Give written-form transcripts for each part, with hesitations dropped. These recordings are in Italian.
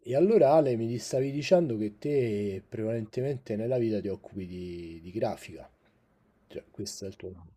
E allora Ale, mi stavi dicendo che te prevalentemente nella vita ti occupi di grafica, cioè questo è il tuo lavoro,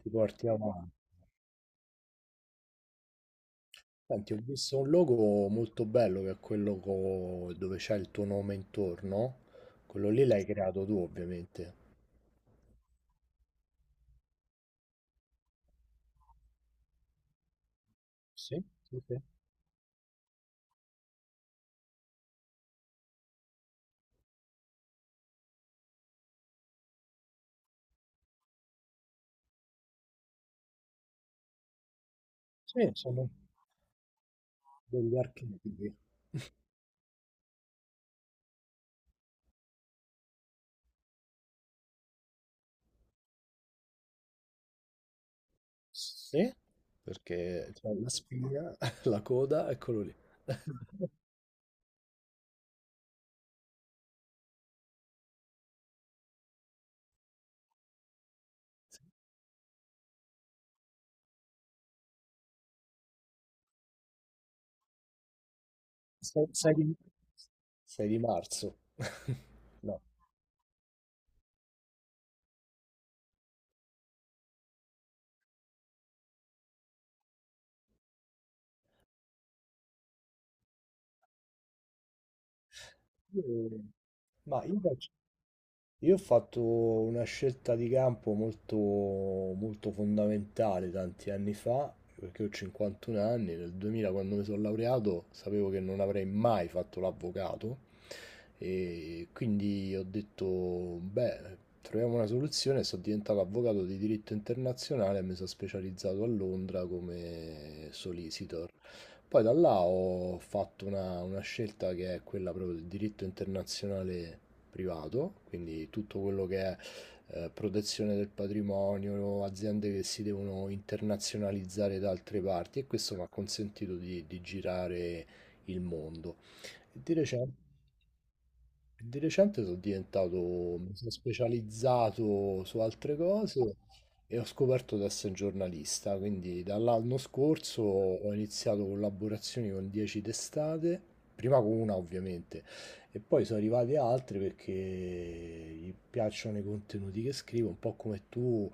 ti porti avanti. Senti, ho visto un logo molto bello che è quello dove c'è il tuo nome intorno. Quello lì l'hai creato tu ovviamente. Sì, sì, sì. Sì, sono degli archetipi. Sì, perché c'è la spina, la coda, eccolo lì. Sai che 6 di marzo. No. Io- Ma io faccio, Io ho fatto una scelta di campo molto, molto fondamentale tanti anni fa, perché ho 51 anni. Nel 2000, quando mi sono laureato, sapevo che non avrei mai fatto l'avvocato, e quindi ho detto, beh, troviamo una soluzione. Sono diventato avvocato di diritto internazionale e mi sono specializzato a Londra come solicitor. Poi da là ho fatto una scelta che è quella proprio del diritto internazionale privato, quindi tutto quello che è protezione del patrimonio, aziende che si devono internazionalizzare da altre parti, e questo mi ha consentito di girare il mondo. Di recente di recente mi sono specializzato su altre cose e ho scoperto di essere giornalista, quindi dall'anno scorso ho iniziato collaborazioni con 10 testate, prima con una ovviamente, e poi sono arrivate altre perché gli piacciono i contenuti che scrivo, un po' come tu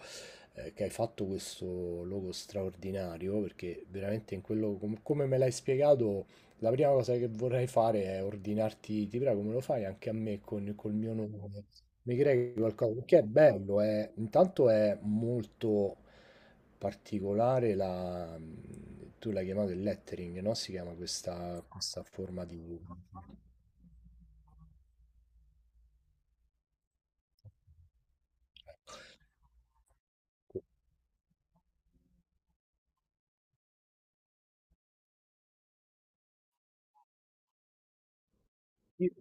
che hai fatto questo logo straordinario, perché veramente in quello, come me l'hai spiegato... La prima cosa che vorrei fare è ordinarti, ti prego, me lo fai anche a me con col mio nome. Mi crei qualcosa, perché è bello, intanto è molto particolare la... Tu l'hai chiamato il lettering, no? Si chiama questa forma di... Io-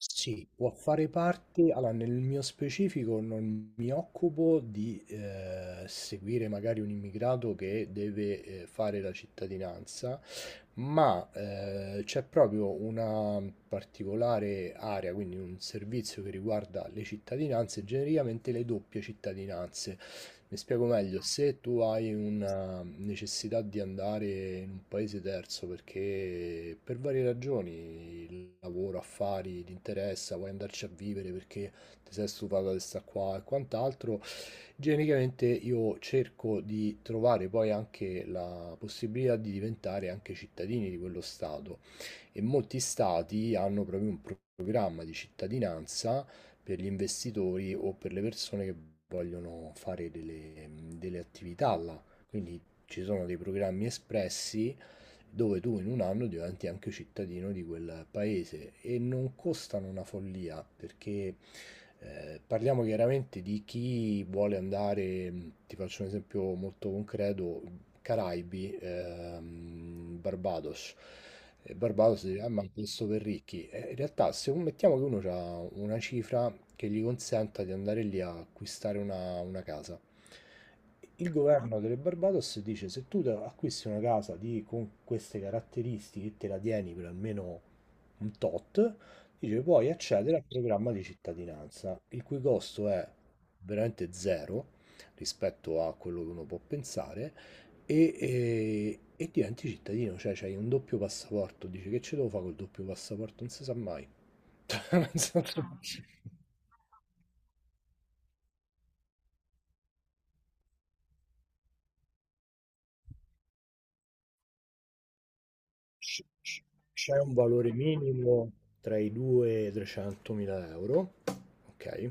Sì, può fare parte. Allora, nel mio specifico non mi occupo di seguire magari un immigrato che deve fare la cittadinanza, ma c'è proprio una particolare area, quindi un servizio che riguarda le cittadinanze, genericamente le doppie cittadinanze. Mi spiego meglio, se tu hai una necessità di andare in un paese terzo perché per varie ragioni, il lavoro, affari, ti interessa, vuoi andarci a vivere perché ti sei stufato di stare qua e quant'altro, genericamente io cerco di trovare poi anche la possibilità di diventare anche cittadini di quello stato. E molti stati hanno proprio un programma di cittadinanza per gli investitori o per le persone che vogliono fare delle attività là. Quindi ci sono dei programmi espressi dove tu in un anno diventi anche cittadino di quel paese, e non costano una follia, perché parliamo chiaramente di chi vuole andare, ti faccio un esempio molto concreto: Caraibi, Barbados. E Barbados dice, ah, ma questo per ricchi. E in realtà, se un- mettiamo che uno ha una cifra che gli consenta di andare lì a acquistare una casa, il governo delle Barbados dice: se tu acquisti una casa con queste caratteristiche e te la tieni per almeno un tot, dice, puoi accedere al programma di cittadinanza, il cui costo è veramente zero rispetto a quello che uno può pensare, e diventi cittadino. Cioè c'hai un doppio passaporto; dici, che ce devo fare col doppio passaporto? Non si sa mai. Nel senso, ah, c- c'è un valore minimo tra i 2 e i 300.000 euro, ok?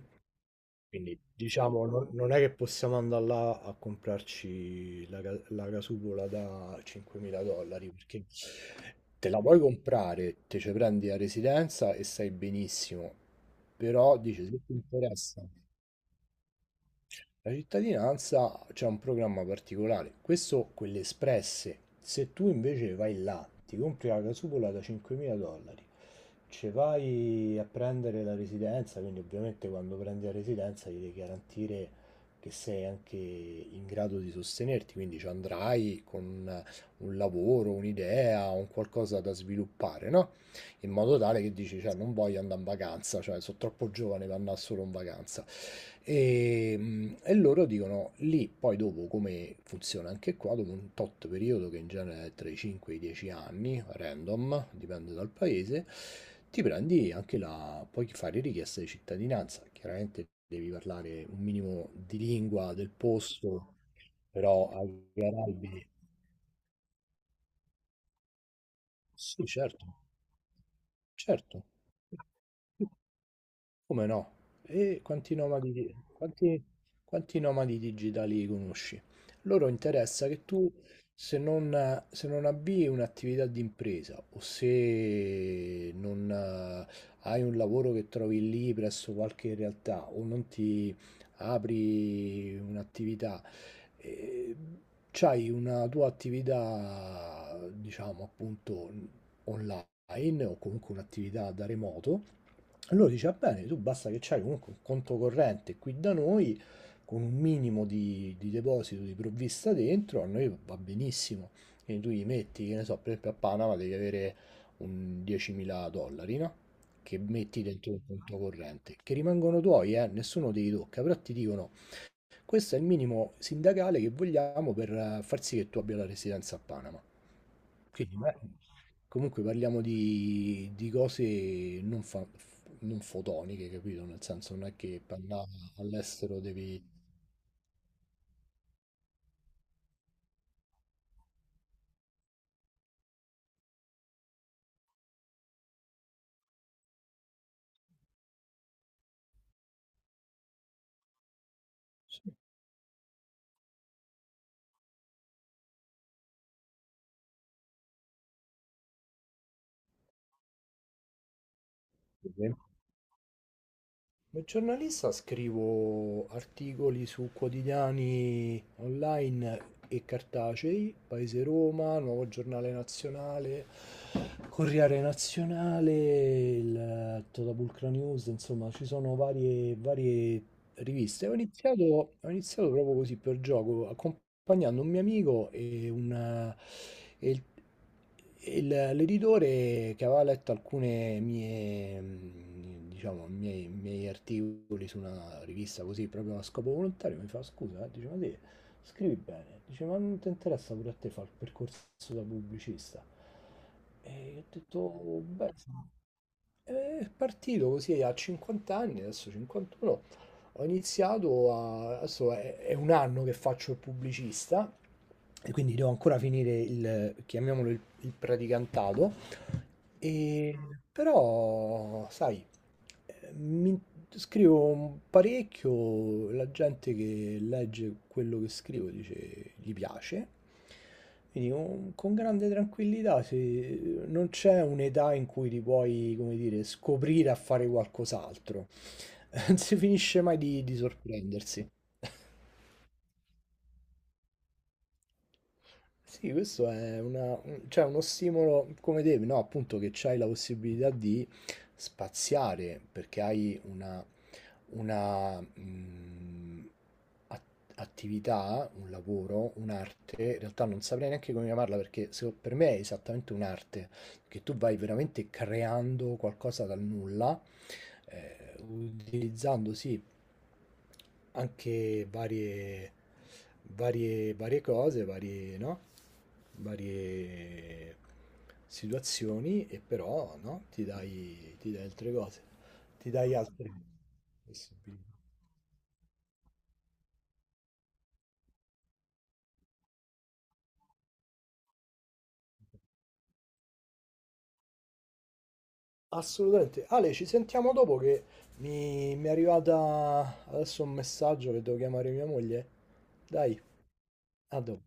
Quindi diciamo non è che possiamo andare là a comprarci la casupola da 5.000 dollari, perché te la puoi comprare, te ci prendi la residenza e stai benissimo, però dice, se ti interessa la cittadinanza, c'è un programma particolare, questo, quelle espresse. Se tu invece vai là, ti compri la casupola da 5.000 dollari, ci vai a prendere la residenza, quindi ovviamente quando prendi la residenza gli devi garantire che sei anche in grado di sostenerti, quindi ci andrai con un lavoro, un'idea, un qualcosa da sviluppare, no? In modo tale che dici, cioè, non voglio andare in vacanza, cioè, sono troppo giovane per andare solo in vacanza. E, e loro dicono lì, poi dopo come funziona anche qua, dopo un tot periodo che in genere è tra i 5 e i 10 anni, random, dipende dal paese, ti prendi anche puoi fare richiesta di cittadinanza, chiaramente devi parlare un minimo di lingua del posto, però ai Caraibi, sì, certo, certo. Come no? E quanti nomadi digitali conosci? Loro interessa che tu, se non avvii un'attività di impresa o se non hai un lavoro che trovi lì presso qualche realtà, o non ti apri un'attività, eh, c'hai una tua attività, diciamo appunto, online online o comunque un'attività da remoto. Allora dice, va bene, tu basta che c'hai comunque un conto corrente qui da noi, con un minimo di deposito di provvista dentro, a noi va benissimo. Quindi tu gli metti, che ne so, per esempio a Panama devi avere un 10.000 dollari, no? Che metti dentro un conto corrente, che rimangono tuoi, nessuno te li tocca, però ti dicono, questo è il minimo sindacale che vogliamo per far sì che tu abbia la residenza a Panama. Quindi, beh, comunque parliamo di cose non fotoniche, capito? Nel senso, non è che per andare all'estero devi... Sì. Da giornalista scrivo articoli su quotidiani online e cartacei: Paese Roma, Nuovo Giornale Nazionale, Corriere Nazionale, il Totapulcra News, insomma, ci sono varie riviste. Ho iniziato proprio così per gioco, accompagnando un mio amico, e il- e l'editore, che aveva letto alcune diciamo, miei articoli su una rivista così, proprio a scopo volontario, mi fa, scusa, eh? Dice, ma te scrivi bene, dice, ma non ti interessa pure a te fare il percorso da pubblicista? E io ho detto, "Oh, beh, sì." È partito così a 50 anni, adesso 51. Ho iniziato a... adesso è un anno che faccio il pubblicista, e quindi devo ancora finire il, chiamiamolo il praticantato, e, però sai, eh, mi- scrivo parecchio, la gente che legge quello che scrivo dice gli piace. Quindi, con grande tranquillità, non c'è un'età in cui ti puoi, come dire, scoprire a fare qualcos'altro. Non si finisce mai di sorprendersi. Sì, questo cioè, uno stimolo come te, no? Appunto che c'hai la possibilità di spaziare, perché hai una una mh, at- attività, un lavoro, un'arte, in realtà non saprei neanche come chiamarla, perché per me è esattamente un'arte, che tu vai veramente creando qualcosa dal nulla, utilizzando sì anche varie cose, varie, no? Varie situazioni, e, però no? ti dai altre cose, ti dai altre possibilità. Assolutamente. Ale, ci sentiamo dopo, che mi è arrivata adesso un messaggio che devo chiamare mia moglie. Dai, a dopo.